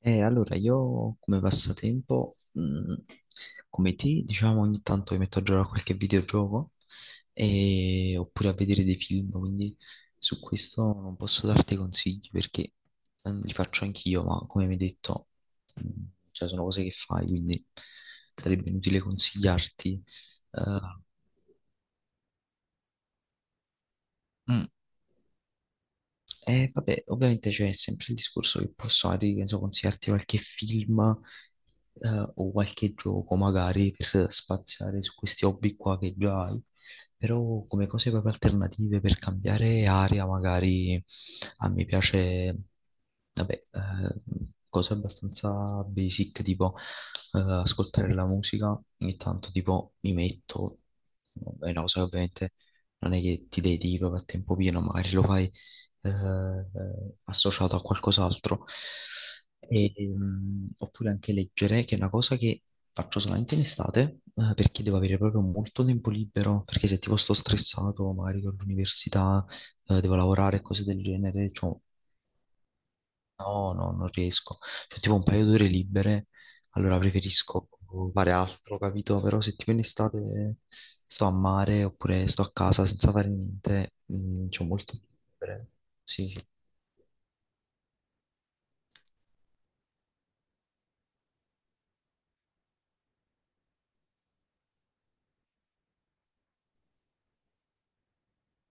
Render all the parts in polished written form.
Allora, io come passatempo, come te, diciamo ogni tanto mi metto a giocare a qualche videogioco e- oppure a vedere dei film, quindi su questo non posso darti consigli perché li faccio anch'io, ma come mi hai detto, cioè, sono cose che fai, quindi sarebbe inutile consigliarti. Eh, mm, vabbè, ovviamente c'è sempre il discorso che posso magari, che ne so, consigliarti qualche film o qualche gioco magari per spaziare su questi hobby qua che già hai, però come cose proprio alternative per cambiare area magari a me piace, vabbè, cose abbastanza basic tipo ascoltare la musica, ogni tanto tipo mi metto, è una cosa che ovviamente non è che ti dedichi proprio a tempo pieno, magari lo fai eh, associato a qualcos'altro. E, oppure anche leggere, che è una cosa che faccio solamente in estate, perché devo avere proprio molto tempo libero, perché se tipo sto stressato, magari con l'università, devo lavorare e cose del genere, cioè, no, no, non riesco. Cioè, tipo un paio d'ore libere, allora preferisco fare altro, capito? Però se tipo in estate sto a mare oppure sto a casa senza fare niente, c'ho molto tempo libero. Sì, sì.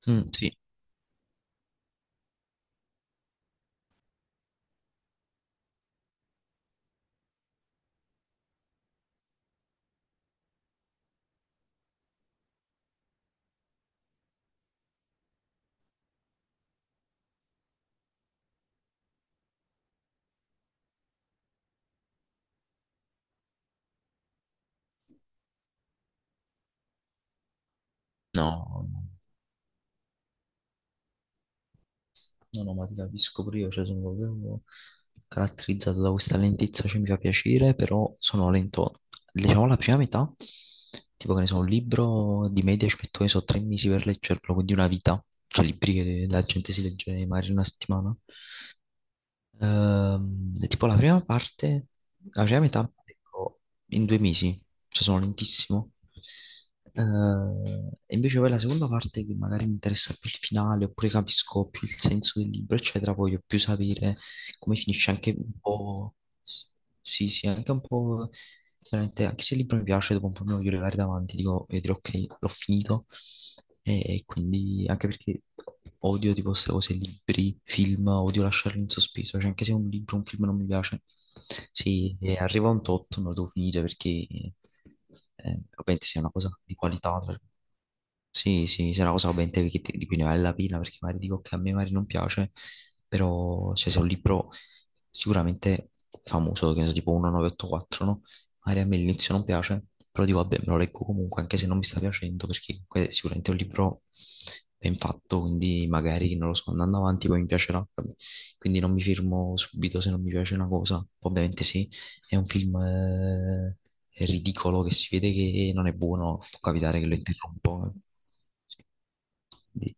Mm, sì. No. No. No. No, no, ma ti capisco pure io, cioè sono proprio caratterizzato da questa lentezza, cioè mi fa piacere, però sono lento. Diciamo la prima metà, tipo che ne so, un libro di media ci metto, che ne so, tre mesi per leggerlo, quindi una vita. Cioè libri che la gente si legge magari in una settimana. Tipo la prima parte, la prima metà, ecco, in due mesi, cioè sono lentissimo. E invece poi la seconda parte che magari mi interessa più il finale, oppure capisco più il senso del libro, eccetera, voglio più sapere come finisce anche un po', s- sì, sì, anche un po'. Veramente, anche se il libro mi piace, dopo un po' mi voglio levare davanti, dico, e dirò ok, l'ho finito. E quindi, anche perché odio tipo queste cose, libri, film, odio lasciarli in sospeso. Cioè, anche se un libro, un film non mi piace, se arriva a un tot, non lo devo finire perché, ovviamente, se è una cosa di qualità, sì, sì, se è una cosa ovviamente che di cui ne vale la pena, perché magari dico che a me magari non piace, però cioè, se è un libro sicuramente famoso, che ne so, tipo 1984, no? Magari a me all'inizio non piace, però dico vabbè, me lo leggo comunque, anche se non mi sta piacendo, perché comunque è sicuramente un libro ben fatto, quindi magari, non lo so, andando avanti poi mi piacerà. Quindi non mi firmo subito se non mi piace una cosa. Ovviamente sì, è un film ridicolo che si vede che non è buono, può capitare che lo interrompo. Eh. Quindi-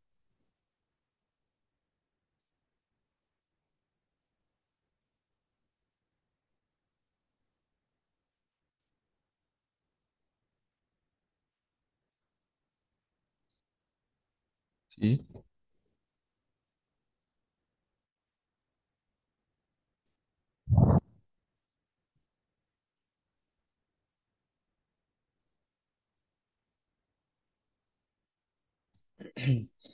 Sì?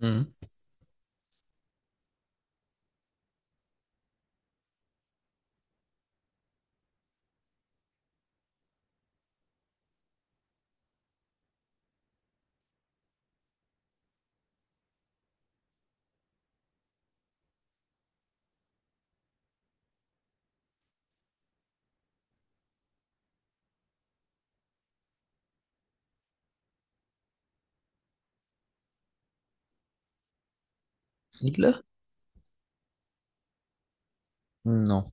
Mm. Il? No.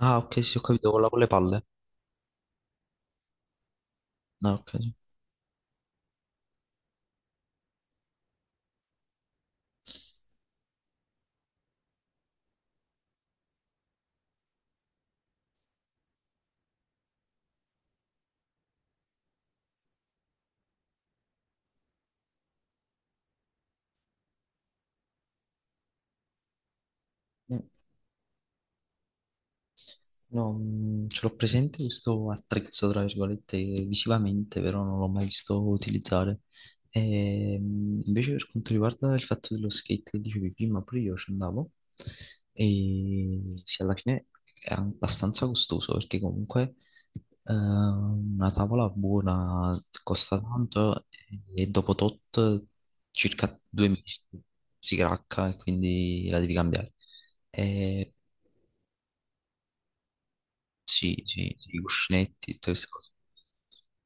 Ah, ok, sì, ho capito, quella con le palle. No, ok. Sì. No, ce l'ho presente questo attrezzo, tra virgolette, visivamente, però non l'ho mai visto utilizzare. E, invece per quanto riguarda il fatto dello skate che dicevi prima, pure io ci andavo, e sì, alla fine è abbastanza costoso, perché comunque una tavola buona costa tanto e dopo tot circa due mesi si cracca e quindi la devi cambiare. Eh, sì, sì, sì, i cuscinetti, tutto questo.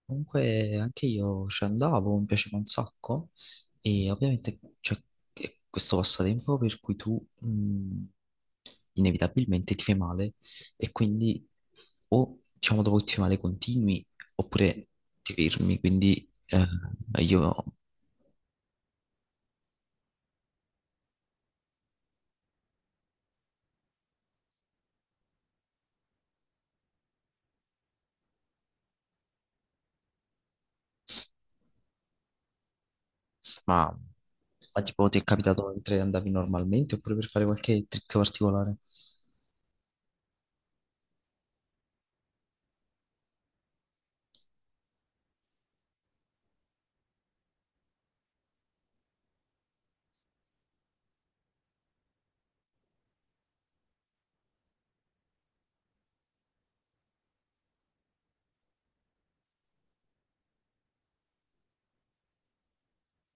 Comunque anche io ci andavo, mi piaceva un sacco e ovviamente c'è è questo passatempo per cui tu inevitabilmente ti fai male e quindi o diciamo dopo che ti fai male continui oppure ti fermi, quindi io ma, ma tipo ti è capitato mentre andavi normalmente oppure per fare qualche trick particolare?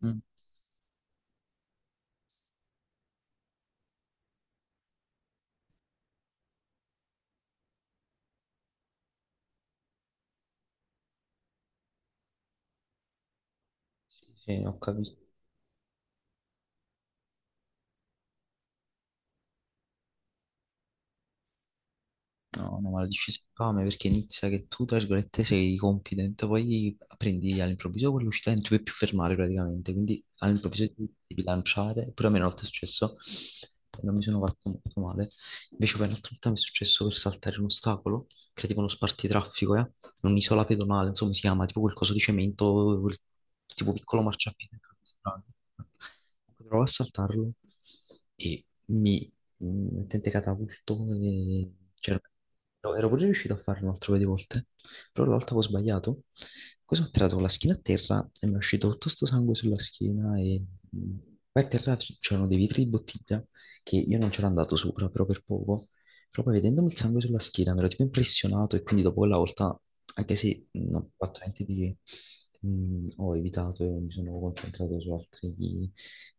Mm. Sì, sì, ho capito. No, no, ma lo dici spame perché inizia che tu, tra virgolette, sei confident, poi prendi all'improvviso quell'uscita e non ti puoi più fermare praticamente, quindi all'improvviso ti devi lanciare, pure a me una volta è successo e non mi sono fatto molto male, invece poi un'altra volta mi è successo per saltare un ostacolo, che era tipo uno spartitraffico, eh? Un'isola pedonale, insomma si chiama, tipo qualcosa di cemento, tipo piccolo marciapiede. Strano. Provo a saltarlo e mi mettente catapulto, e c'era. No, ero pure riuscito a farlo un altro paio di volte, però l'altra avevo sbagliato. Cosa ho tirato con la schiena a terra e mi è uscito tutto sto sangue sulla schiena e mh, poi a terra c'erano dei vetri di bottiglia che io non c'ero andato sopra, però per poco. Però poi vedendomi il sangue sulla schiena mi ero tipo impressionato e quindi dopo quella volta, anche se non ho fatto niente di ho evitato e mi sono concentrato su altri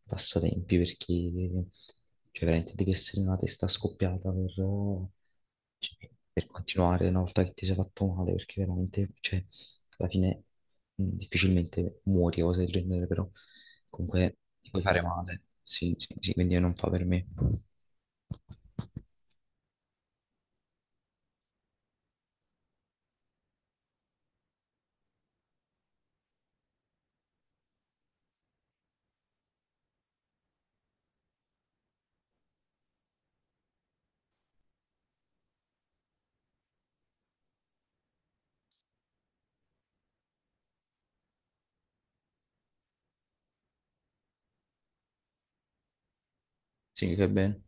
passatempi perché cioè veramente devi essere una testa scoppiata per cioè, per continuare una volta che ti sei fatto male, perché veramente, cioè, alla fine difficilmente muori o cose del genere, però comunque ti puoi fare male, sì, sì, sì, quindi non fa per me. Sì, va bene.